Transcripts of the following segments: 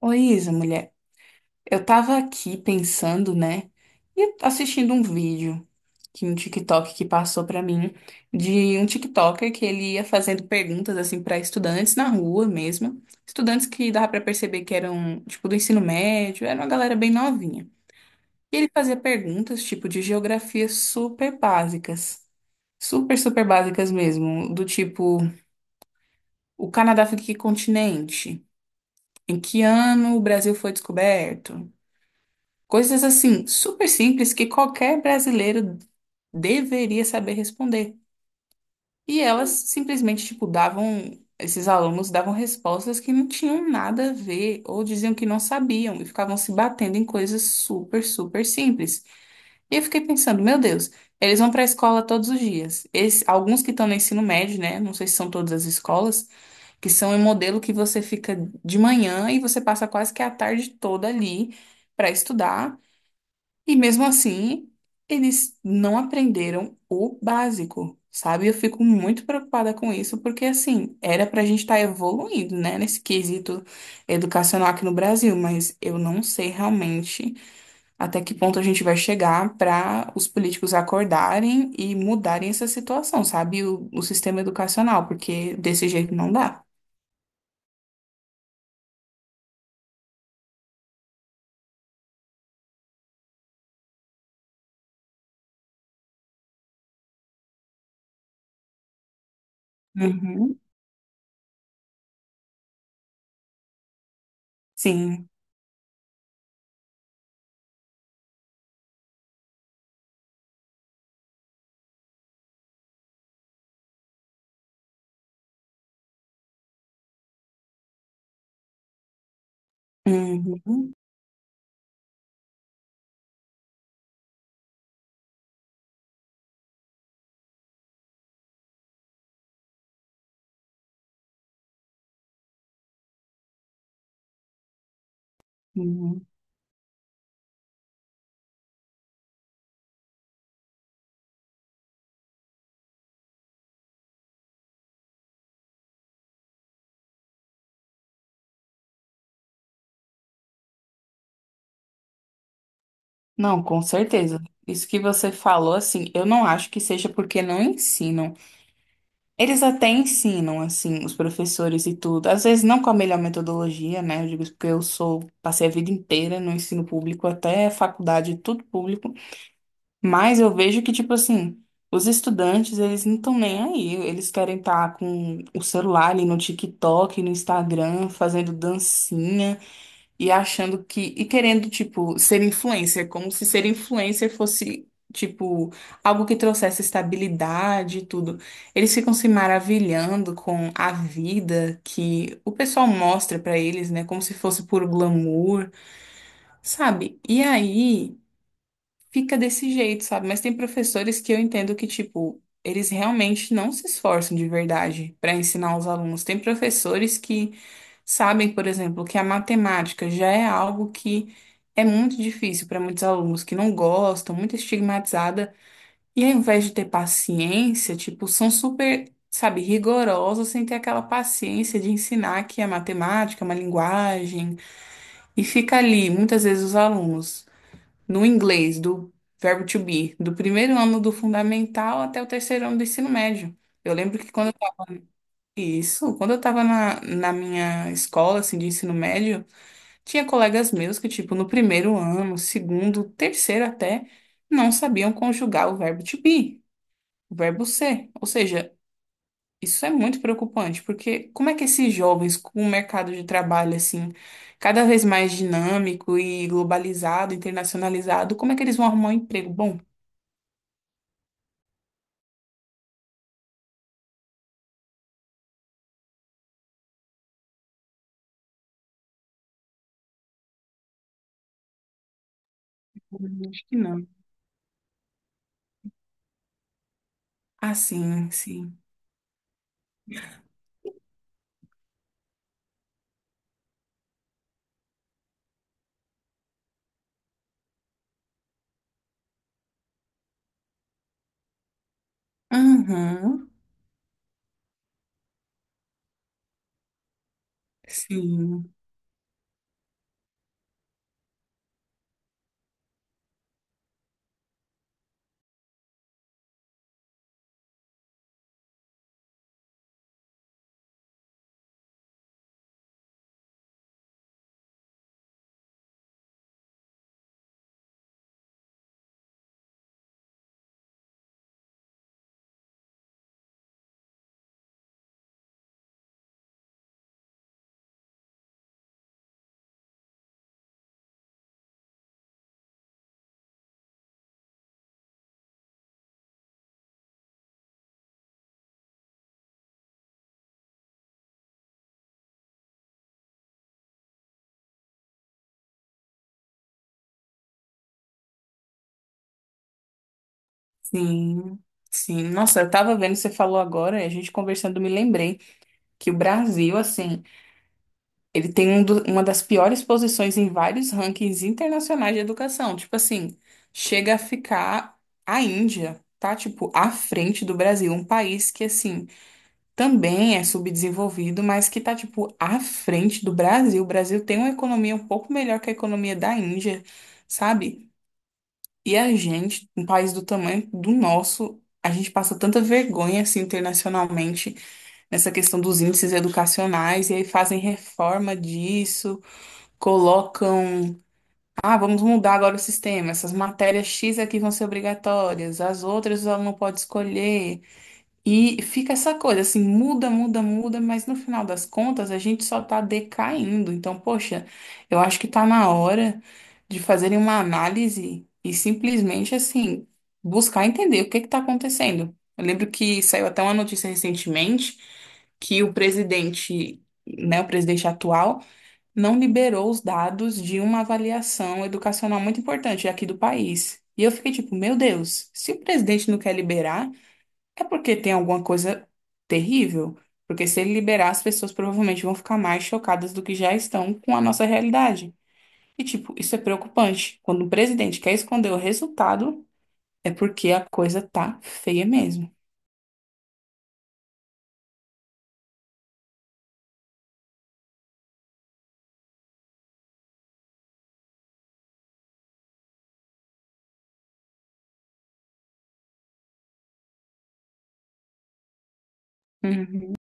Oi, Isa, mulher. Eu tava aqui pensando, né? E assistindo um vídeo que um TikTok que passou pra mim de um TikToker que ele ia fazendo perguntas assim pra estudantes na rua mesmo, estudantes que dava pra perceber que eram tipo do ensino médio, era uma galera bem novinha. E ele fazia perguntas tipo de geografia super básicas. Super, super básicas mesmo, do tipo, o Canadá fica em que continente? Em que ano o Brasil foi descoberto? Coisas assim, super simples que qualquer brasileiro deveria saber responder. E elas simplesmente, tipo, davam, esses alunos davam respostas que não tinham nada a ver ou diziam que não sabiam e ficavam se batendo em coisas super, super simples. E eu fiquei pensando, meu Deus, eles vão para a escola todos os dias. Alguns que estão no ensino médio, né? Não sei se são todas as escolas, que são um modelo que você fica de manhã e você passa quase que a tarde toda ali para estudar. E mesmo assim, eles não aprenderam o básico, sabe? Eu fico muito preocupada com isso, porque assim, era pra gente estar evoluindo, né, nesse quesito educacional aqui no Brasil, mas eu não sei realmente até que ponto a gente vai chegar pra os políticos acordarem e mudarem essa situação, sabe? O sistema educacional, porque desse jeito não dá. Uhum. Sim. Uhum. Uhum. Não, com certeza. Isso que você falou, assim, eu não acho que seja porque não ensinam. Eles até ensinam, assim, os professores e tudo. Às vezes não com a melhor metodologia, né? Eu digo isso porque eu sou, passei a vida inteira no ensino público, até faculdade, tudo público. Mas eu vejo que, tipo assim, os estudantes, eles não estão nem aí. Eles querem estar com o celular ali no TikTok, no Instagram, fazendo dancinha e achando que e querendo tipo ser influencer, como se ser influencer fosse tipo algo que trouxesse estabilidade e tudo. Eles ficam se maravilhando com a vida que o pessoal mostra pra eles, né, como se fosse puro glamour, sabe? E aí fica desse jeito, sabe? Mas tem professores que eu entendo que tipo eles realmente não se esforçam de verdade pra ensinar os alunos. Tem professores que sabem, por exemplo, que a matemática já é algo que é muito difícil para muitos alunos que não gostam, muito estigmatizada, e ao invés de ter paciência, tipo, são super, sabe, rigorosos sem ter aquela paciência de ensinar que a matemática é uma linguagem, e fica ali, muitas vezes, os alunos no inglês do verbo to be, do primeiro ano do fundamental até o terceiro ano do ensino médio. Eu lembro que isso, quando eu estava na minha escola, assim, de ensino médio, tinha colegas meus que, tipo, no primeiro ano, segundo, terceiro até, não sabiam conjugar o verbo to be, o verbo ser. Ou seja, isso é muito preocupante, porque como é que esses jovens, com o mercado de trabalho, assim, cada vez mais dinâmico e globalizado, internacionalizado, como é que eles vão arrumar um emprego? Bom, acho que não. Ah, sim, sim. Aham, sim, sim. Sim, nossa, eu tava vendo, você falou agora, e a gente conversando, me lembrei que o Brasil, assim, ele tem uma das piores posições em vários rankings internacionais de educação. Tipo assim, chega a ficar a Índia, tá? Tipo, à frente do Brasil. Um país que, assim, também é subdesenvolvido, mas que tá, tipo, à frente do Brasil. O Brasil tem uma economia um pouco melhor que a economia da Índia, sabe? E a gente, um país do tamanho do nosso, a gente passa tanta vergonha, assim, internacionalmente, nessa questão dos índices educacionais, e aí fazem reforma disso colocam, ah, vamos mudar agora o sistema, essas matérias X aqui vão ser obrigatórias, as outras o aluno pode escolher. E fica essa coisa assim, muda, muda, muda, mas no final das contas a gente só tá decaindo. Então, poxa, eu acho que tá na hora de fazerem uma análise e simplesmente assim, buscar entender o que que tá acontecendo. Eu lembro que saiu até uma notícia recentemente que o presidente, né, o presidente atual não liberou os dados de uma avaliação educacional muito importante aqui do país. E eu fiquei tipo, meu Deus, se o presidente não quer liberar, é porque tem alguma coisa terrível. Porque se ele liberar, as pessoas provavelmente vão ficar mais chocadas do que já estão com a nossa realidade. E, tipo, isso é preocupante. Quando o presidente quer esconder o resultado, é porque a coisa tá feia mesmo. Uhum.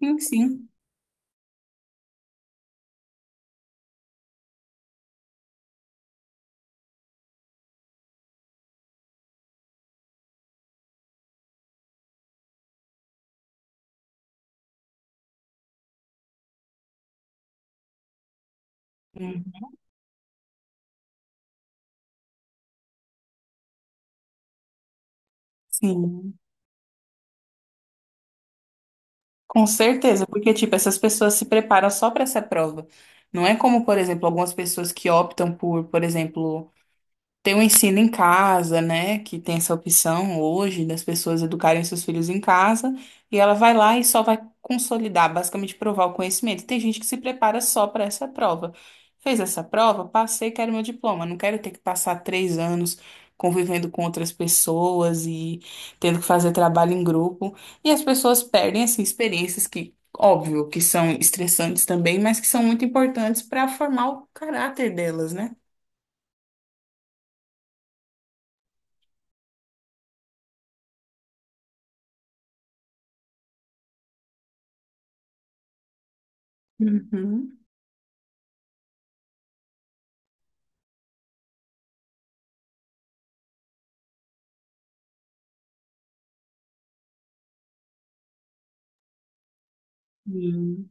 Sim, sim. Hum. Sim, com certeza, porque tipo, essas pessoas se preparam só para essa prova. Não é como, por exemplo, algumas pessoas que optam por exemplo, tem o ensino em casa, né? Que tem essa opção hoje das pessoas educarem seus filhos em casa, e ela vai lá e só vai consolidar, basicamente provar o conhecimento. Tem gente que se prepara só para essa prova. Fez essa prova, passei, quero meu diploma. Não quero ter que passar 3 anos convivendo com outras pessoas e tendo que fazer trabalho em grupo. E as pessoas perdem, assim, experiências que, óbvio, que são estressantes também, mas que são muito importantes para formar o caráter delas, né? Uhum. Sim.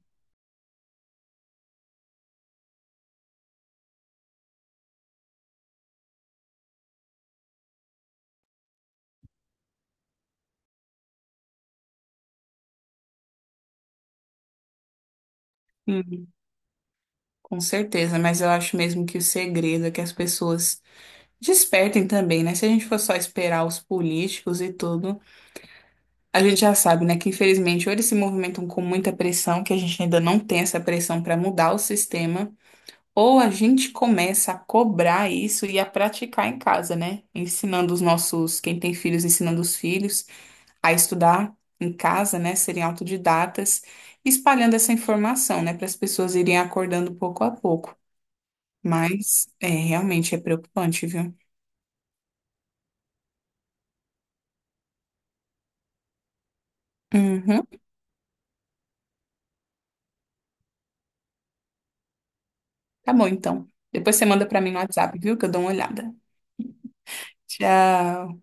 Hum. Com certeza, mas eu acho mesmo que o segredo é que as pessoas despertem também, né? Se a gente for só esperar os políticos e tudo, a gente já sabe, né, que infelizmente ou eles se movimentam com muita pressão, que a gente ainda não tem essa pressão para mudar o sistema, ou a gente começa a cobrar isso e a praticar em casa, né? Ensinando os nossos, quem tem filhos, ensinando os filhos a estudar em casa, né? Serem autodidatas, espalhando essa informação, né, para as pessoas irem acordando pouco a pouco. Mas é realmente é preocupante, viu? Uhum. Tá bom, então. Depois você manda pra mim no WhatsApp, viu? Que eu dou uma olhada. Tchau.